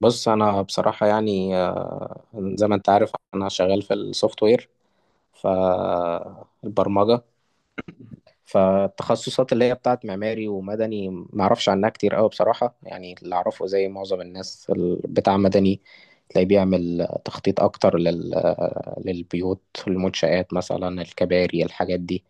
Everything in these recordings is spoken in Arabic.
بص انا بصراحه يعني زي ما انت عارف انا شغال في السوفت وير فالبرمجه. فالتخصصات اللي هي بتاعت معماري ومدني ما اعرفش عنها كتير قوي بصراحه. يعني اللي اعرفه زي معظم الناس، بتاع مدني تلاقيه بيعمل تخطيط اكتر للبيوت، المنشآت مثلا، الكباري، الحاجات دي.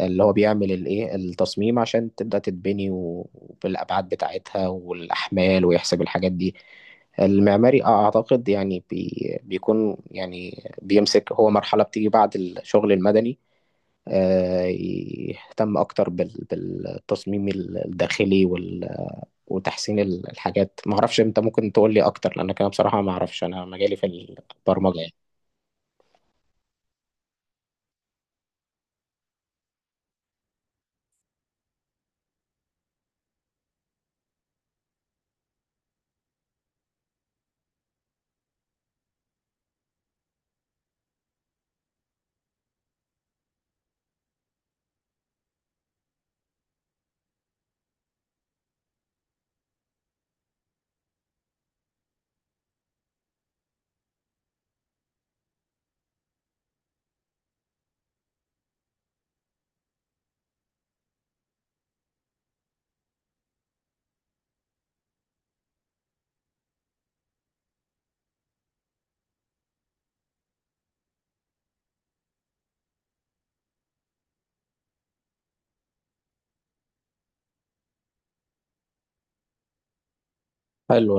اللي هو بيعمل الايه، التصميم عشان تبدأ تتبني، وبالأبعاد بتاعتها والأحمال ويحسب الحاجات دي. المعماري اه اعتقد يعني بيكون يعني بيمسك هو مرحلة بتيجي بعد الشغل المدني. آه، يهتم اكتر بالتصميم الداخلي وتحسين الحاجات. ما اعرفش، انت ممكن تقول لي اكتر لانك انا بصراحة ما اعرفش، انا مجالي في البرمجة يعني. حلو،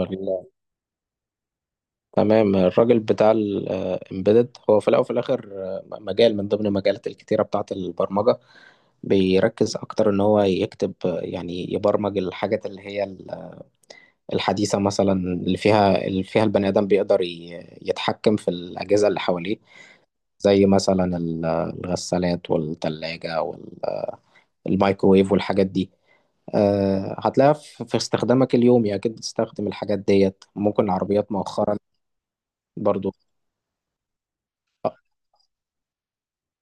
تمام. الراجل بتاع الامبيدد هو في الاول وفي الاخر مجال من ضمن المجالات الكتيره بتاعه البرمجه. بيركز اكتر ان هو يكتب، يعني يبرمج الحاجات اللي هي الحديثه، مثلا اللي فيها اللي فيها البني ادم بيقدر يتحكم في الاجهزه اللي حواليه. زي مثلا الغسالات والثلاجه والمايكرويف والحاجات دي. هتلاقيها في استخدامك اليومي اكيد بتستخدم الحاجات ديت. ممكن العربيات مؤخرا برضو.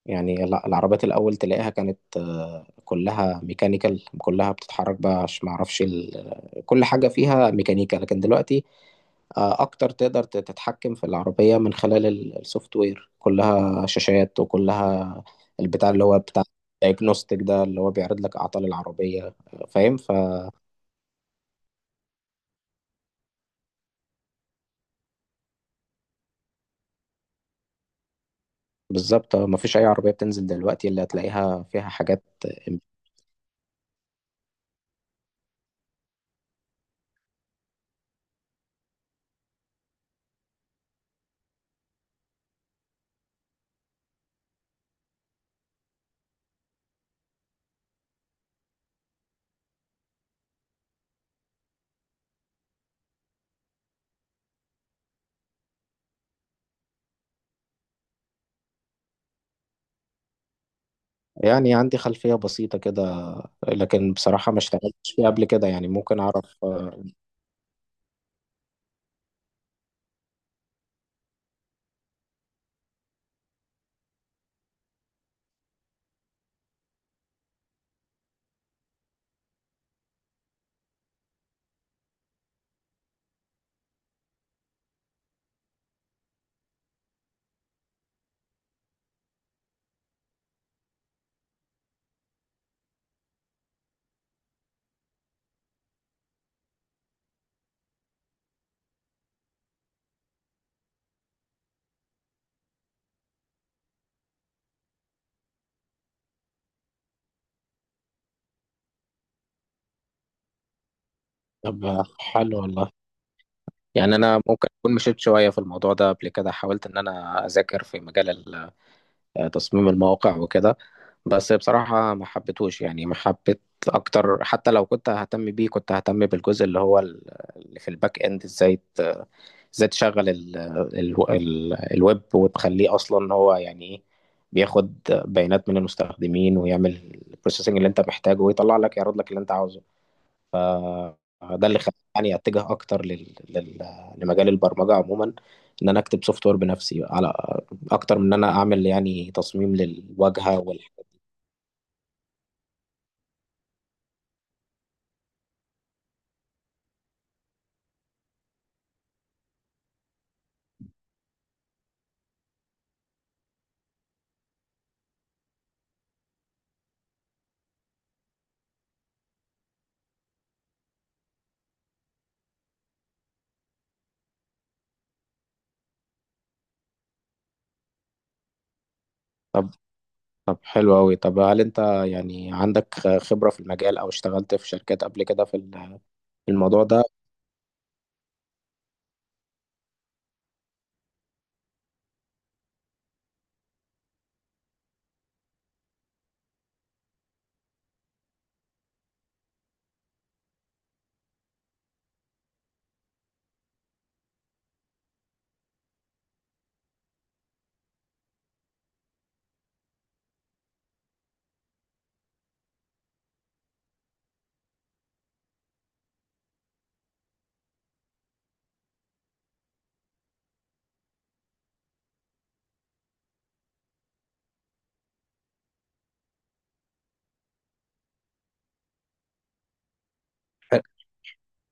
يعني لا، العربيات الأول تلاقيها كانت، كلها ميكانيكال، كلها بتتحرك بقى، عشان معرفش كل حاجة فيها ميكانيكا. لكن دلوقتي أكتر تقدر تتحكم في العربية من خلال السوفت وير، كلها شاشات وكلها البتاع اللي هو بتاع دايجنوستيك، ده اللي هو بيعرض لك أعطال العربية. فاهم؟ فبالظبط، مفيش أي عربية بتنزل دلوقتي اللي هتلاقيها فيها حاجات يعني عندي خلفية بسيطة كده، لكن بصراحة ما اشتغلتش فيه قبل كده. يعني ممكن أعرف. طب حلو والله. يعني انا ممكن اكون مشيت شويه في الموضوع ده قبل كده، حاولت ان انا اذاكر في مجال تصميم المواقع وكده، بس بصراحه ما حبيتهوش. يعني ما حبيت اكتر. حتى لو كنت ههتم بيه كنت ههتم بالجزء اللي هو اللي في الباك اند. ازاي تشغل ال الويب وتخليه اصلا إن هو يعني ايه، بياخد بيانات من المستخدمين ويعمل البروسيسنج اللي انت محتاجه، ويطلع لك يعرض لك اللي انت عاوزه. ده اللي خلاني يعني اتجه اكتر لمجال البرمجه عموما، ان انا اكتب سوفت وير بنفسي، على اكتر من ان انا اعمل يعني تصميم للواجهه طب طب حلو قوي. طب هل انت يعني عندك خبره في المجال او اشتغلت في شركات قبل كده في في الموضوع ده؟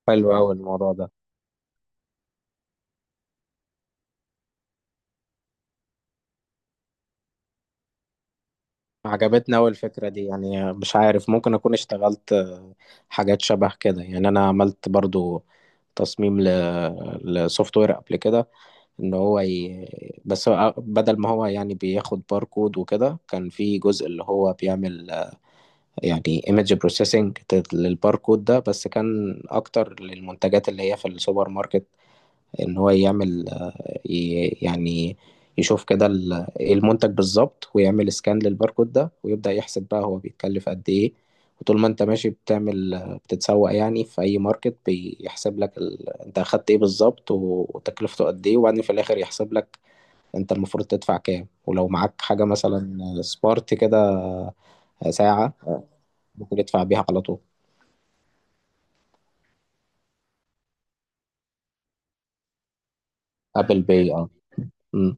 حلو قوي الموضوع ده. عجبتني أوي الفكرة دي. يعني مش عارف، ممكن أكون اشتغلت حاجات شبه كده. يعني أنا عملت برضو تصميم لسوفت وير قبل كده، ان هو بس هو بدل ما هو يعني بياخد باركود وكده، كان في جزء اللي هو بيعمل يعني ايمج بروسيسنج للباركود ده، بس كان اكتر للمنتجات اللي هي في السوبر ماركت. ان هو يعمل يعني يشوف كده المنتج بالظبط ويعمل سكان للباركود ده، ويبدأ يحسب بقى هو بيتكلف قد ايه. وطول ما انت ماشي بتعمل، بتتسوق يعني في اي ماركت، بيحسب لك انت اخدت ايه بالظبط، وتكلفته قد ايه، وبعدين في الاخر يحسب لك انت المفروض تدفع كام. ولو معاك حاجة مثلا سبارت كده، ساعة، ممكن تدفع بيها على طول. ابل باي، اه. امم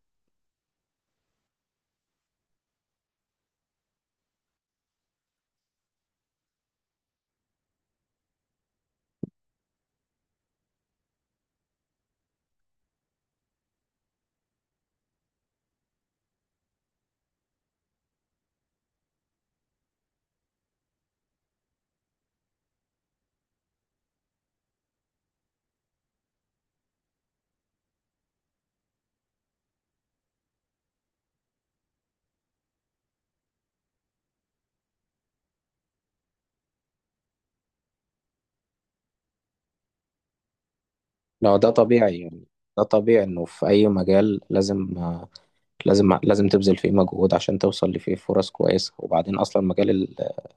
لو ده طبيعي يعني. ده طبيعي، انه في اي مجال لازم، لازم تبذل فيه مجهود عشان توصل لفيه فرص كويسة. وبعدين اصلا مجال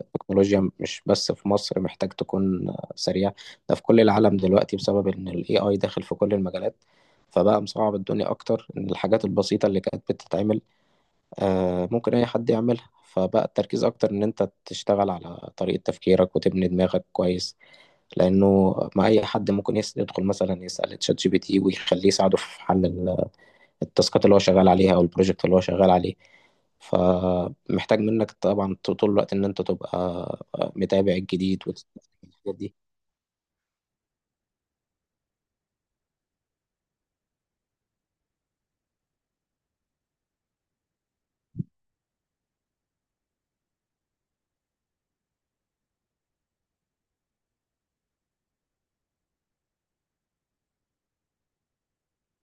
التكنولوجيا مش بس في مصر محتاج تكون سريع، ده في كل العالم دلوقتي، بسبب ان الاي اي داخل في كل المجالات. فبقى مصعب الدنيا اكتر، ان الحاجات البسيطة اللي كانت بتتعمل ممكن أي حد يعملها. فبقى التركيز أكتر إن أنت تشتغل على طريقة تفكيرك وتبني دماغك كويس، لأنه مع أي حد ممكن يدخل مثلا يسأل تشات جي بي تي ويخليه يساعده في حل التاسكات اللي هو شغال عليها أو البروجكت اللي هو شغال عليه. فمحتاج منك طبعا طول الوقت إن أنت تبقى متابع الجديد والحاجات دي.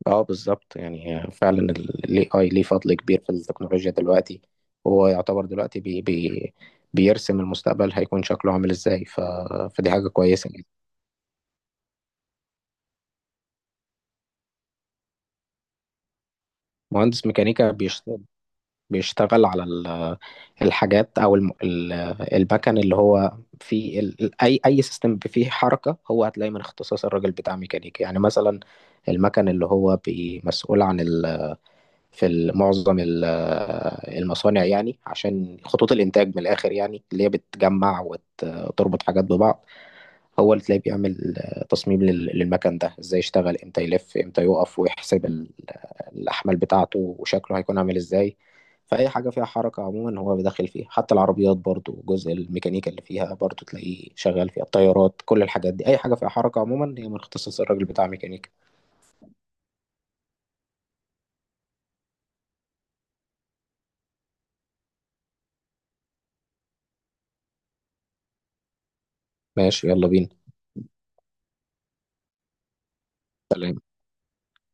اه بالظبط. يعني هي فعلا الاي اي ليه فضل كبير في التكنولوجيا دلوقتي، وهو يعتبر دلوقتي بي بيرسم المستقبل هيكون شكله عامل ازاي. فدي حاجة كويسة جدا. مهندس ميكانيكا بيشتغل على الحاجات او المكن اللي هو في اي اي سيستم فيه حركة، هو هتلاقي من اختصاص الراجل بتاع ميكانيكا. يعني مثلا المكن اللي هو مسؤول عن في معظم المصانع، يعني عشان خطوط الإنتاج من الآخر، يعني اللي هي بتجمع وتربط حاجات ببعض. هو اللي تلاقيه بيعمل تصميم للمكن ده ازاي يشتغل، امتى يلف، امتى يقف، ويحسب الأحمال بتاعته وشكله هيكون عامل ازاي. فأي حاجة فيها حركة عموما هو بيدخل فيها، حتى العربيات برضو جزء الميكانيكا اللي فيها برضو تلاقيه شغال فيها، الطيارات، كل الحاجات دي. أي حاجة فيها حركة عموما هي من اختصاص الراجل بتاع ميكانيكا. ماشي، يلا بينا. سلام.